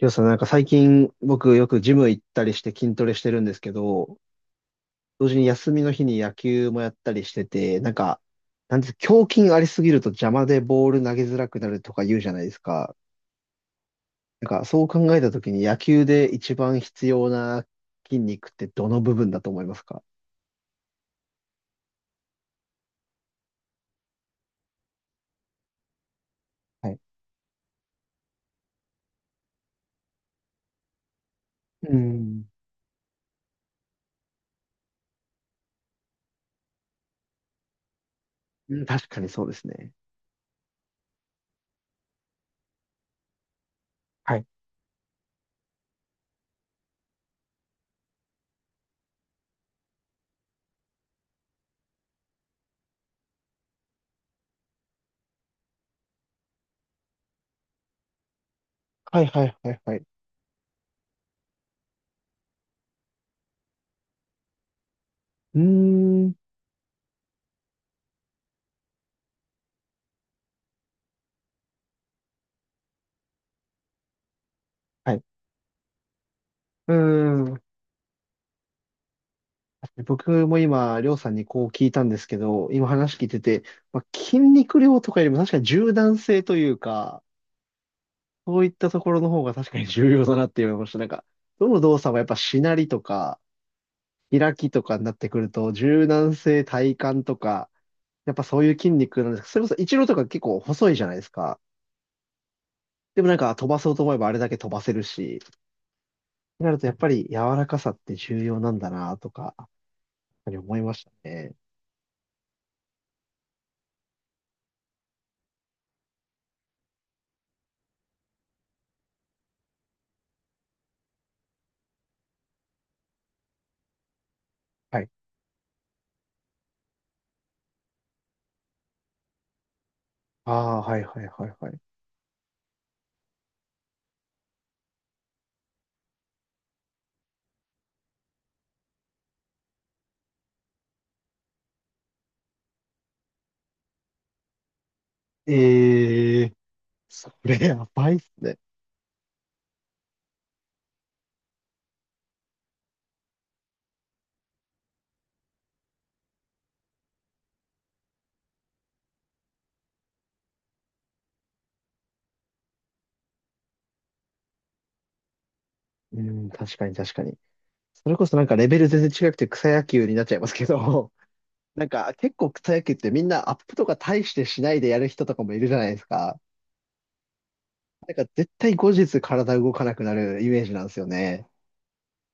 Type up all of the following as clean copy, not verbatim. りょうさん、なんか最近僕よくジム行ったりして筋トレしてるんですけど、同時に休みの日に野球もやったりしてて、なんか、なんていうの胸筋ありすぎると邪魔でボール投げづらくなるとか言うじゃないですか。なんかそう考えたときに野球で一番必要な筋肉ってどの部分だと思いますか？はい。うん。うん、確かにそうですね。はい。はいはいはいはい。うーん。はい。うーん。僕も今、りょうさんにこう聞いたんですけど、今話聞いてて、まあ、筋肉量とかよりも確かに柔軟性というか、そういったところの方が確かに重要だなって思いました。なんか、どの動作もやっぱしなりとか、開きとかになってくると、柔軟性、体幹とか、やっぱそういう筋肉なんですけど、それこそ一郎とか結構細いじゃないですか。でもなんか飛ばそうと思えばあれだけ飛ばせるし、ってなるとやっぱり柔らかさって重要なんだなとか、やっぱり思いましたね。はい。ああ、はいはいはいはい。ええ、それやばいっすね。うん、確かに確かに。それこそなんかレベル全然違くて草野球になっちゃいますけど、なんか結構草野球ってみんなアップとか大してしないでやる人とかもいるじゃないですか。なんか絶対後日体動かなくなるイメージなんですよね。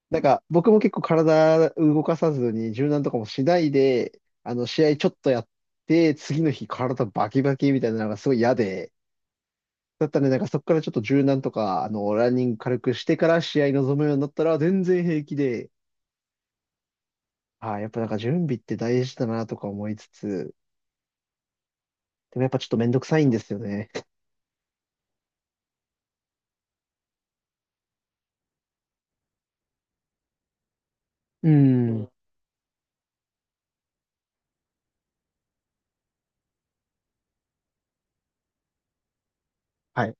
なんか僕も結構体動かさずに柔軟とかもしないで、試合ちょっとやって、次の日体バキバキみたいなのがすごい嫌で、だったらね、なんかそこからちょっと柔軟とか、ランニング軽くしてから試合に臨むようになったら全然平気で、ああ、やっぱなんか準備って大事だなとか思いつつ、でもやっぱちょっとめんどくさいんですよね。うん。ん。はい。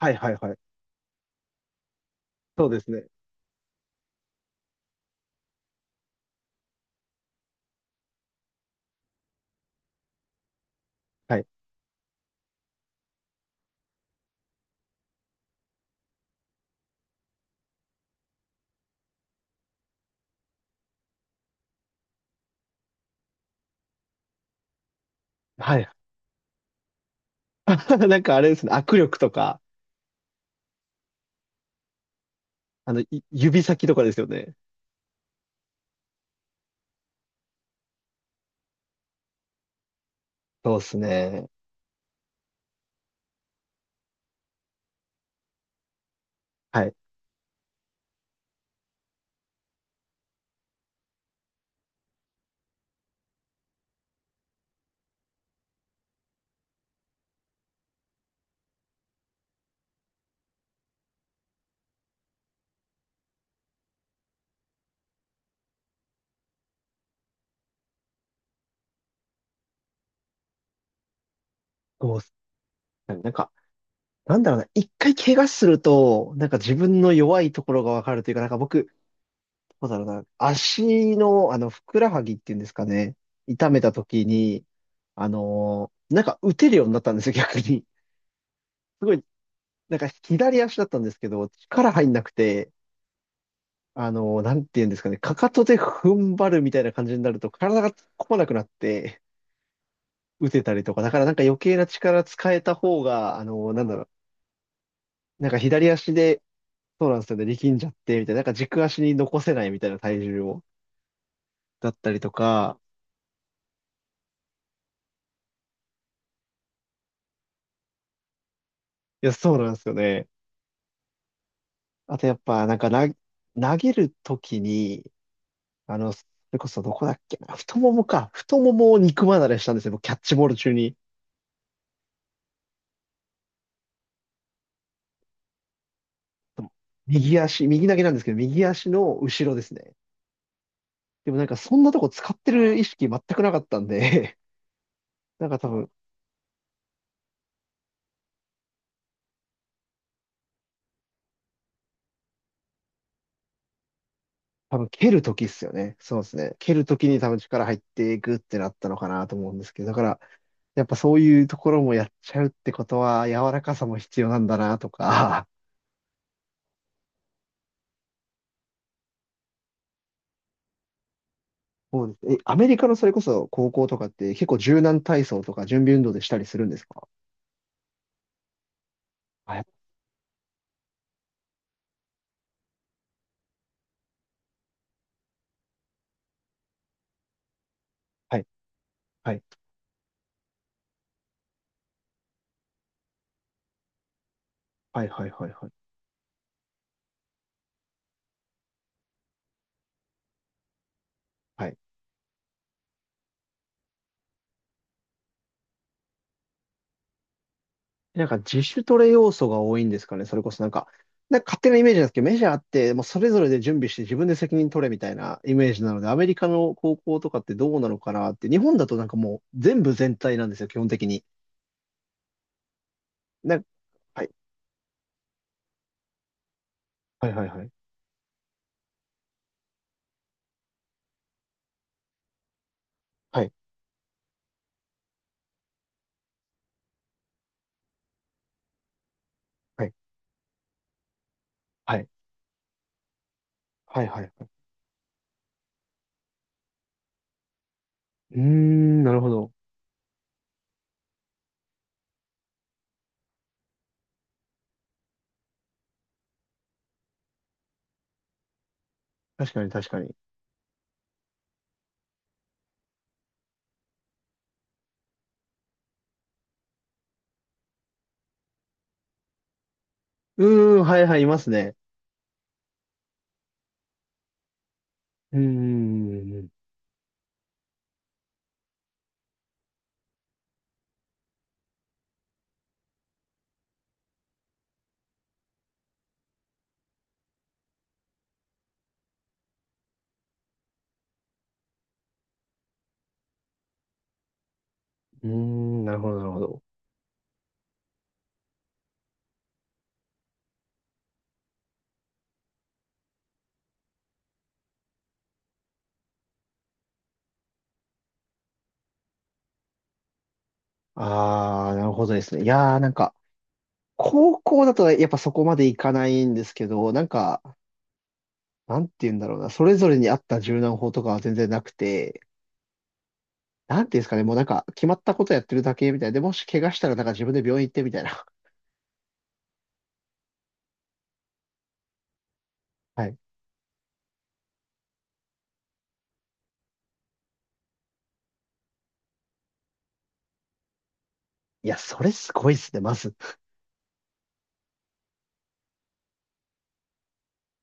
はいはいはい。そうですね。はい。はい。なんかあれですね、握力とか、指先とかですよね。そうですね。はい。そうっすね。なんか、なんだろうな、一回怪我すると、なんか自分の弱いところがわかるというか、なんか僕、そうだろうな。足の、ふくらはぎっていうんですかね。痛めた時に、なんか打てるようになったんですよ、逆に。すごい、なんか左足だったんですけど、力入んなくて、あのーなんていうんですかね、かかとで踏ん張るみたいな感じになると、体が突っ込まなくなって、打てたりとか、だからなんか余計な力使えた方が、なんか左足で、そうなんですよね、力んじゃって、みたいな、なんか軸足に残せないみたいな体重を、だったりとか、いや、そうなんですよね。あとやっぱ、なんかな、投げるときに、それこそどこだっけな、太ももか、太ももを肉離れしたんですよ、僕キャッチボール中に。右足、右投げなんですけど、右足の後ろですね。でもなんかそんなとこ使ってる意識全くなかったんで、なんか多分蹴るときっすよね。そうですね。蹴るときに多分力入っていくってなったのかなと思うんですけど、だからやっぱそういうところもやっちゃうってことは柔らかさも必要なんだなとか、そうです。え、アメリカのそれこそ高校とかって結構柔軟体操とか準備運動でしたりするんですか？はい、はい、はい、はい、はい、はい。はい。なんか自主トレ要素が多いんですかね？それこそなんか、なんか勝手なイメージなんですけど、メジャーってもうそれぞれで準備して自分で責任取れみたいなイメージなので、アメリカの高校とかってどうなのかなって、日本だとなんかもう全部全体なんですよ、基本的に。なんか、はい、はい、はい、はい、はい、はい、はい、はい、はい。はい。うーん、なるほど。確かに、確かに。うーん、はい、はい、いますね。うーん、うーん、なるほど、なるほど。ああ、なるほどですね。いやー、なんか、高校だとやっぱそこまでいかないんですけど、なんか、なんて言うんだろうな、それぞれに合った柔軟法とかは全然なくて、なんていうんですかね、もうなんか、決まったことやってるだけみたいな。で、もし怪我したらなんか自分で病院行ってみたいな。はい。いや、それすごいですね、まず。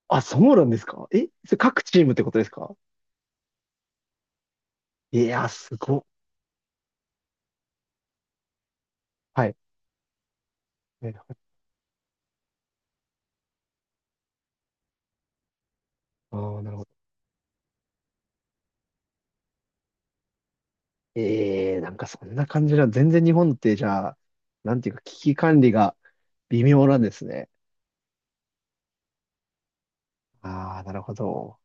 あ、そうなんですか？え、それ各チームってことですか？いやー、すごっ。はい。ああー、なるほど。ええ、なんかそんな感じな、全然日本ってじゃあ、なんていうか危機管理が微妙なんですね。ああ、なるほど。